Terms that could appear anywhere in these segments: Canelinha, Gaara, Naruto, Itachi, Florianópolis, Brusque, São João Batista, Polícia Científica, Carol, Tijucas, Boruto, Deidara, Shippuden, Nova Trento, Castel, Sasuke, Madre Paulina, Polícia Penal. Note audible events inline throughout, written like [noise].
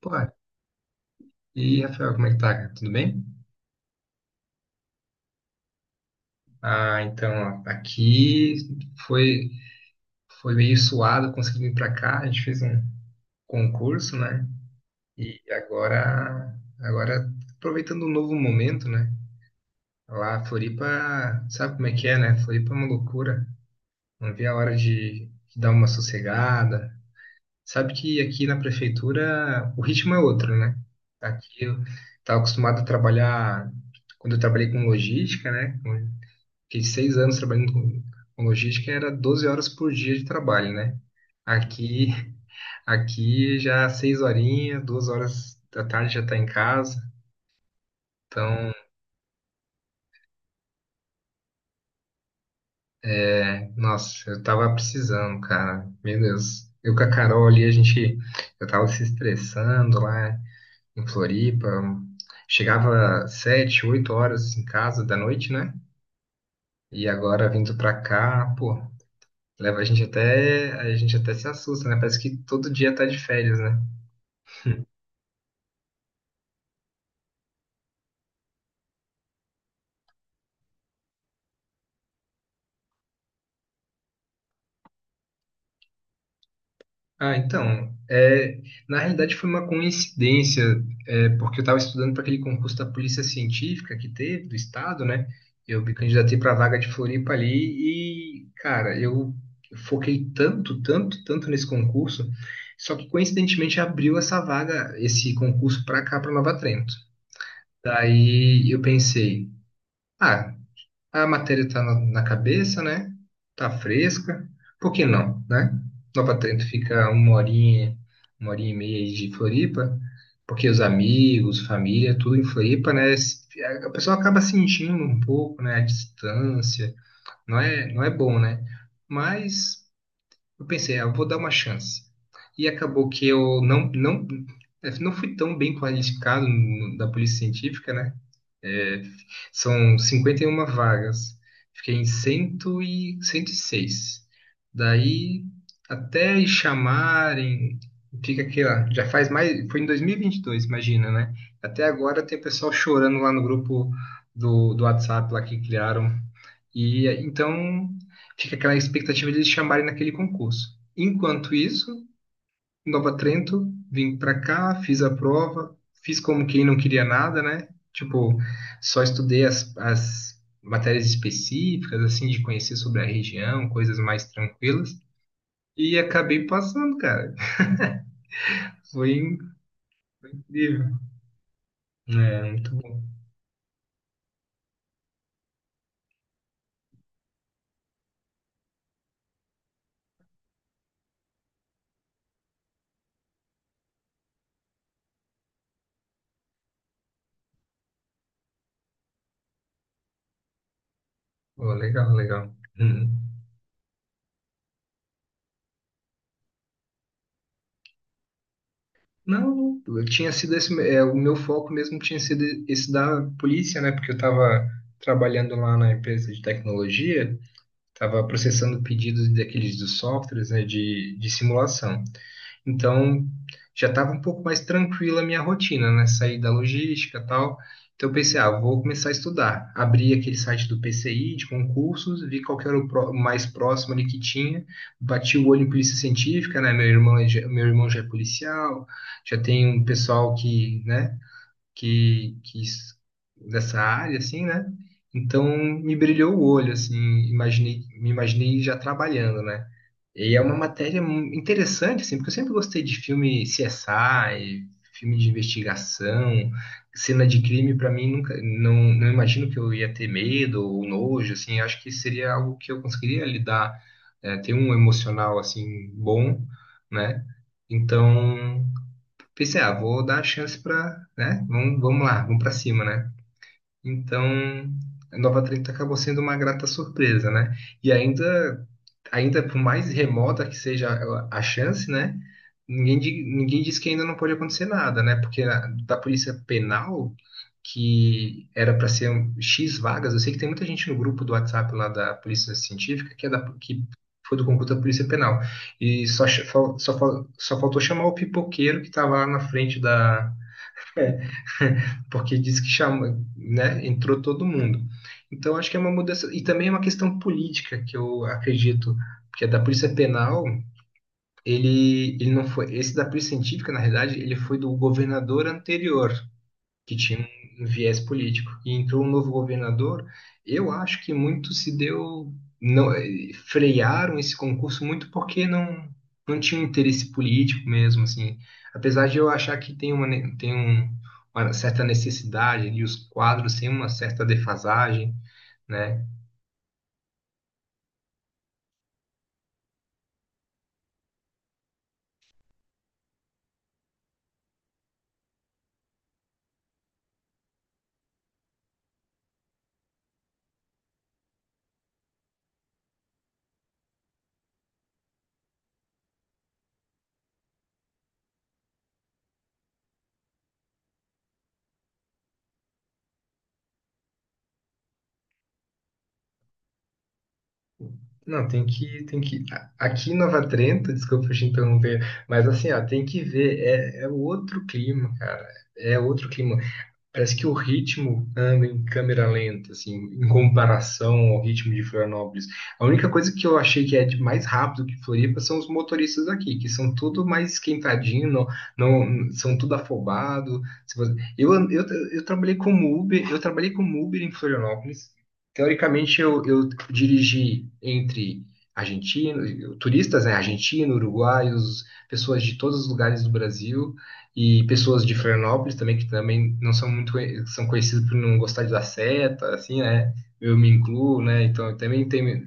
Pô, e Rafael, como é que tá, cara? Tudo bem? Ah, então, ó, aqui foi, foi meio suado conseguir vir pra cá. A gente fez um concurso, né? E agora aproveitando um novo momento, né? Lá, Floripa, sabe como é que é, né? Floripa é uma loucura. Não vi a hora de dar uma sossegada. Sabe que aqui na prefeitura o ritmo é outro, né? Aqui eu estava acostumado a trabalhar, quando eu trabalhei com logística, né? Fiquei 6 anos trabalhando com logística, e era 12 horas por dia de trabalho, né? Aqui, aqui já seis horinhas, 2 horas da tarde já tá em casa. Então, é, nossa, eu tava precisando, cara. Meu Deus. Eu com a Carol ali, a gente, eu tava se estressando lá em Floripa. Chegava sete, oito horas em casa da noite, né? E agora vindo pra cá, pô, leva a gente até se assusta, né? Parece que todo dia tá de férias, né? Ah, então, é, na realidade foi uma coincidência, é, porque eu estava estudando para aquele concurso da Polícia Científica que teve, do Estado, né? Eu me candidatei para a vaga de Floripa ali e, cara, eu foquei tanto, tanto, tanto nesse concurso, só que coincidentemente abriu essa vaga, esse concurso para cá, para Nova Trento. Daí eu pensei, ah, a matéria está na cabeça, né? Tá fresca. Por que não, né? Nova Trento fica uma horinha e meia aí de Floripa, porque os amigos, família, tudo em Floripa, né? A pessoa acaba sentindo um pouco, né? A distância. Não é bom, né? Mas eu pensei, ah, eu vou dar uma chance. E acabou que eu não fui tão bem qualificado da polícia científica, né? É, são 51 vagas. Fiquei em 100 e 106. Daí, até chamarem, fica aquela. Já faz mais. Foi em 2022, imagina, né? Até agora tem pessoal chorando lá no grupo do WhatsApp lá que criaram. E então, fica aquela expectativa de eles chamarem naquele concurso. Enquanto isso, Nova Trento, vim pra cá, fiz a prova, fiz como quem não queria nada, né? Tipo, só estudei as matérias específicas, assim, de conhecer sobre a região, coisas mais tranquilas, e acabei passando, cara. Foi incrível. É, muito bom. Pô, legal, legal. Uhum. Não, eu tinha sido esse, é, o meu foco mesmo tinha sido esse da polícia, né? Porque eu tava trabalhando lá na empresa de tecnologia, estava processando pedidos daqueles dos softwares, né, de simulação. Então, já estava um pouco mais tranquila a minha rotina, né, sair da logística e tal. Então, eu pensei, ah, vou começar a estudar. Abri aquele site do PCI, de concursos, vi qual que era o o mais próximo ali que tinha, bati o olho em polícia científica, né, meu irmão, é meu irmão já é policial, já tem um pessoal que, né, que, que s- dessa área, assim, né? Então me brilhou o olho, assim, imaginei, me imaginei já trabalhando, né? E é uma matéria interessante, assim, porque eu sempre gostei de filme CSI, filme de investigação, cena de crime, para mim nunca, não imagino que eu ia ter medo ou nojo, assim, acho que seria algo que eu conseguiria lidar, ter um emocional assim bom, né? Então pensei, ah, vou dar a chance pra, né? Vamos, vamos lá, vamos pra cima, né? Então, a Nova 30 acabou sendo uma grata surpresa, né? E ainda, ainda por mais remota que seja a chance, né? Ninguém, ninguém diz que ainda não pode acontecer nada, né? Porque da Polícia Penal, que era para ser X vagas, eu sei que tem muita gente no grupo do WhatsApp lá da Polícia Científica que foi do concurso da Polícia Penal. E só, só faltou chamar o pipoqueiro que estava lá na frente da [laughs] porque diz que chama, né, entrou todo mundo. Então acho que é uma mudança e também é uma questão política que eu acredito, porque é da Polícia Penal, ele não foi, esse da Polícia Científica, na realidade, ele foi do governador anterior que tinha um viés político. E entrou um novo governador, eu acho que muito se deu, não, eh, frearam esse concurso muito porque não, não tinha um interesse político mesmo, assim. Apesar de eu achar que tem uma, uma certa necessidade e os quadros têm uma certa defasagem, né? Não, aqui em Nova Trento, [laughs] desculpa te interromper, mas assim, ó, tem que ver, é outro clima, cara, é outro clima. Parece que o ritmo anda em câmera lenta, assim, em comparação ao ritmo de Florianópolis. A única coisa que eu achei que é de mais rápido que Floripa são os motoristas aqui, que são tudo mais esquentadinho, são tudo afobado. Se você- Eu, an- eu trabalhei como Uber, eu trabalhei como Uber em Florianópolis. Teoricamente, eu dirigi entre argentinos, turistas, né, argentinos, uruguaios, pessoas de todos os lugares do Brasil. E pessoas de Florianópolis também, que também não são muito, são conhecidas por não gostar de dar seta, assim, né? Eu me incluo, né? Então, eu também tenho,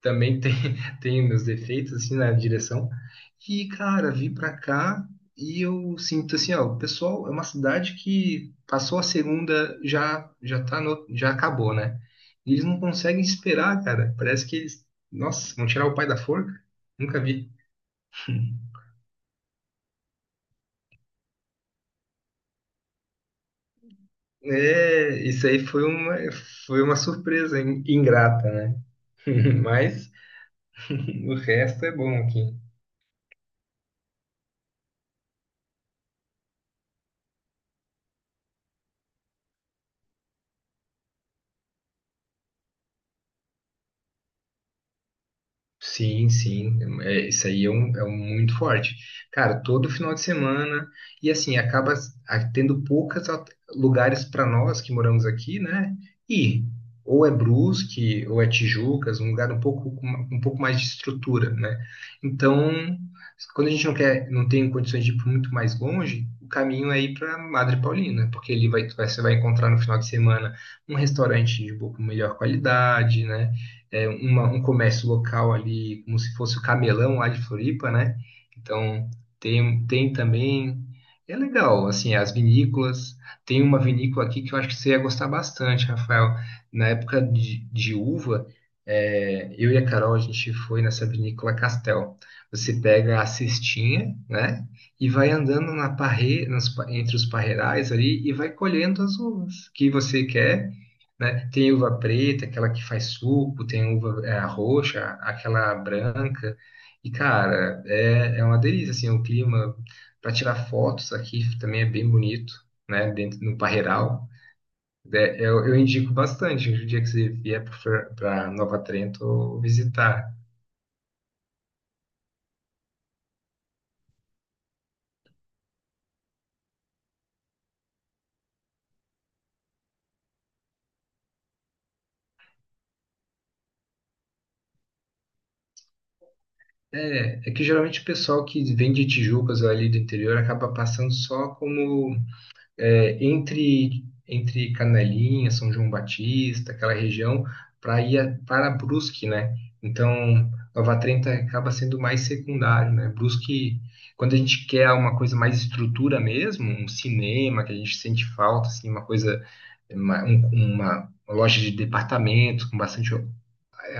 também tem, [laughs] tenho meus defeitos, assim, na direção. E, cara, vim pra cá e eu sinto, assim, ó, o pessoal, é uma cidade que passou a segunda, já, já tá no, já acabou, né? E eles não conseguem esperar, cara. Parece que eles, nossa, vão tirar o pai da forca. Nunca vi. É, isso aí foi uma surpresa ingrata, né? [laughs] Mas o resto é bom aqui. Sim, sim, é, isso aí é, é um muito forte. Cara, todo final de semana, e assim, tendo poucos lugares para nós que moramos aqui, né? E ou é Brusque, ou é Tijucas, um lugar um pouco, um pouco mais de estrutura, né? Então, quando a gente não quer, não tem condições de ir muito mais longe, o caminho é ir para Madre Paulina, porque ali você vai encontrar no final de semana um restaurante de um pouco melhor qualidade, né? É, um comércio local ali, como se fosse o Camelão lá de Floripa, né? Então, tem, tem também. É legal, assim, as vinícolas. Tem uma vinícola aqui que eu acho que você ia gostar bastante, Rafael. Na época de uva, é, eu e a Carol, a gente foi nessa vinícola Castel. Você pega a cestinha, né? E vai andando na parre, nas pa- entre os parreirais ali e vai colhendo as uvas que você quer, né? Tem uva preta, aquela que faz suco, tem uva é, roxa, aquela branca. E, cara, é uma delícia, assim, o clima para tirar fotos aqui também é bem bonito, né? Dentro no Parreiral. É, eu indico bastante o dia que você vier para Nova Trento visitar. É, é que geralmente o pessoal que vem de Tijucas ou ali do interior acaba passando só como é, entre Canelinha, São João Batista, aquela região, para Brusque, né? Então, Nova Trenta acaba sendo mais secundário, né? Brusque, quando a gente quer uma coisa mais estrutura mesmo, um cinema que a gente sente falta, assim, uma coisa, uma, um- uma loja de departamentos com bastante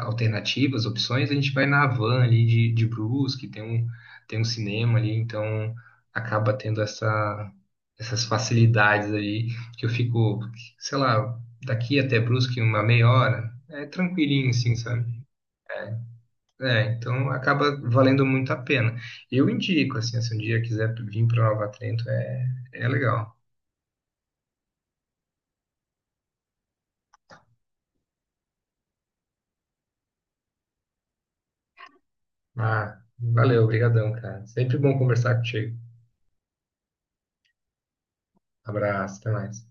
alternativas, opções, a gente vai na van ali de Brusque, tem tem um cinema ali, então acaba tendo essa, essas facilidades ali, que eu fico, sei lá, daqui até Brusque uma meia hora, é tranquilinho assim, sabe? É, então acaba valendo muito a pena. Eu indico, assim, se um dia quiser vir para Nova Trento, é, é legal. Ah, valeu, obrigadão, cara. Sempre bom conversar contigo. Abraço, até mais.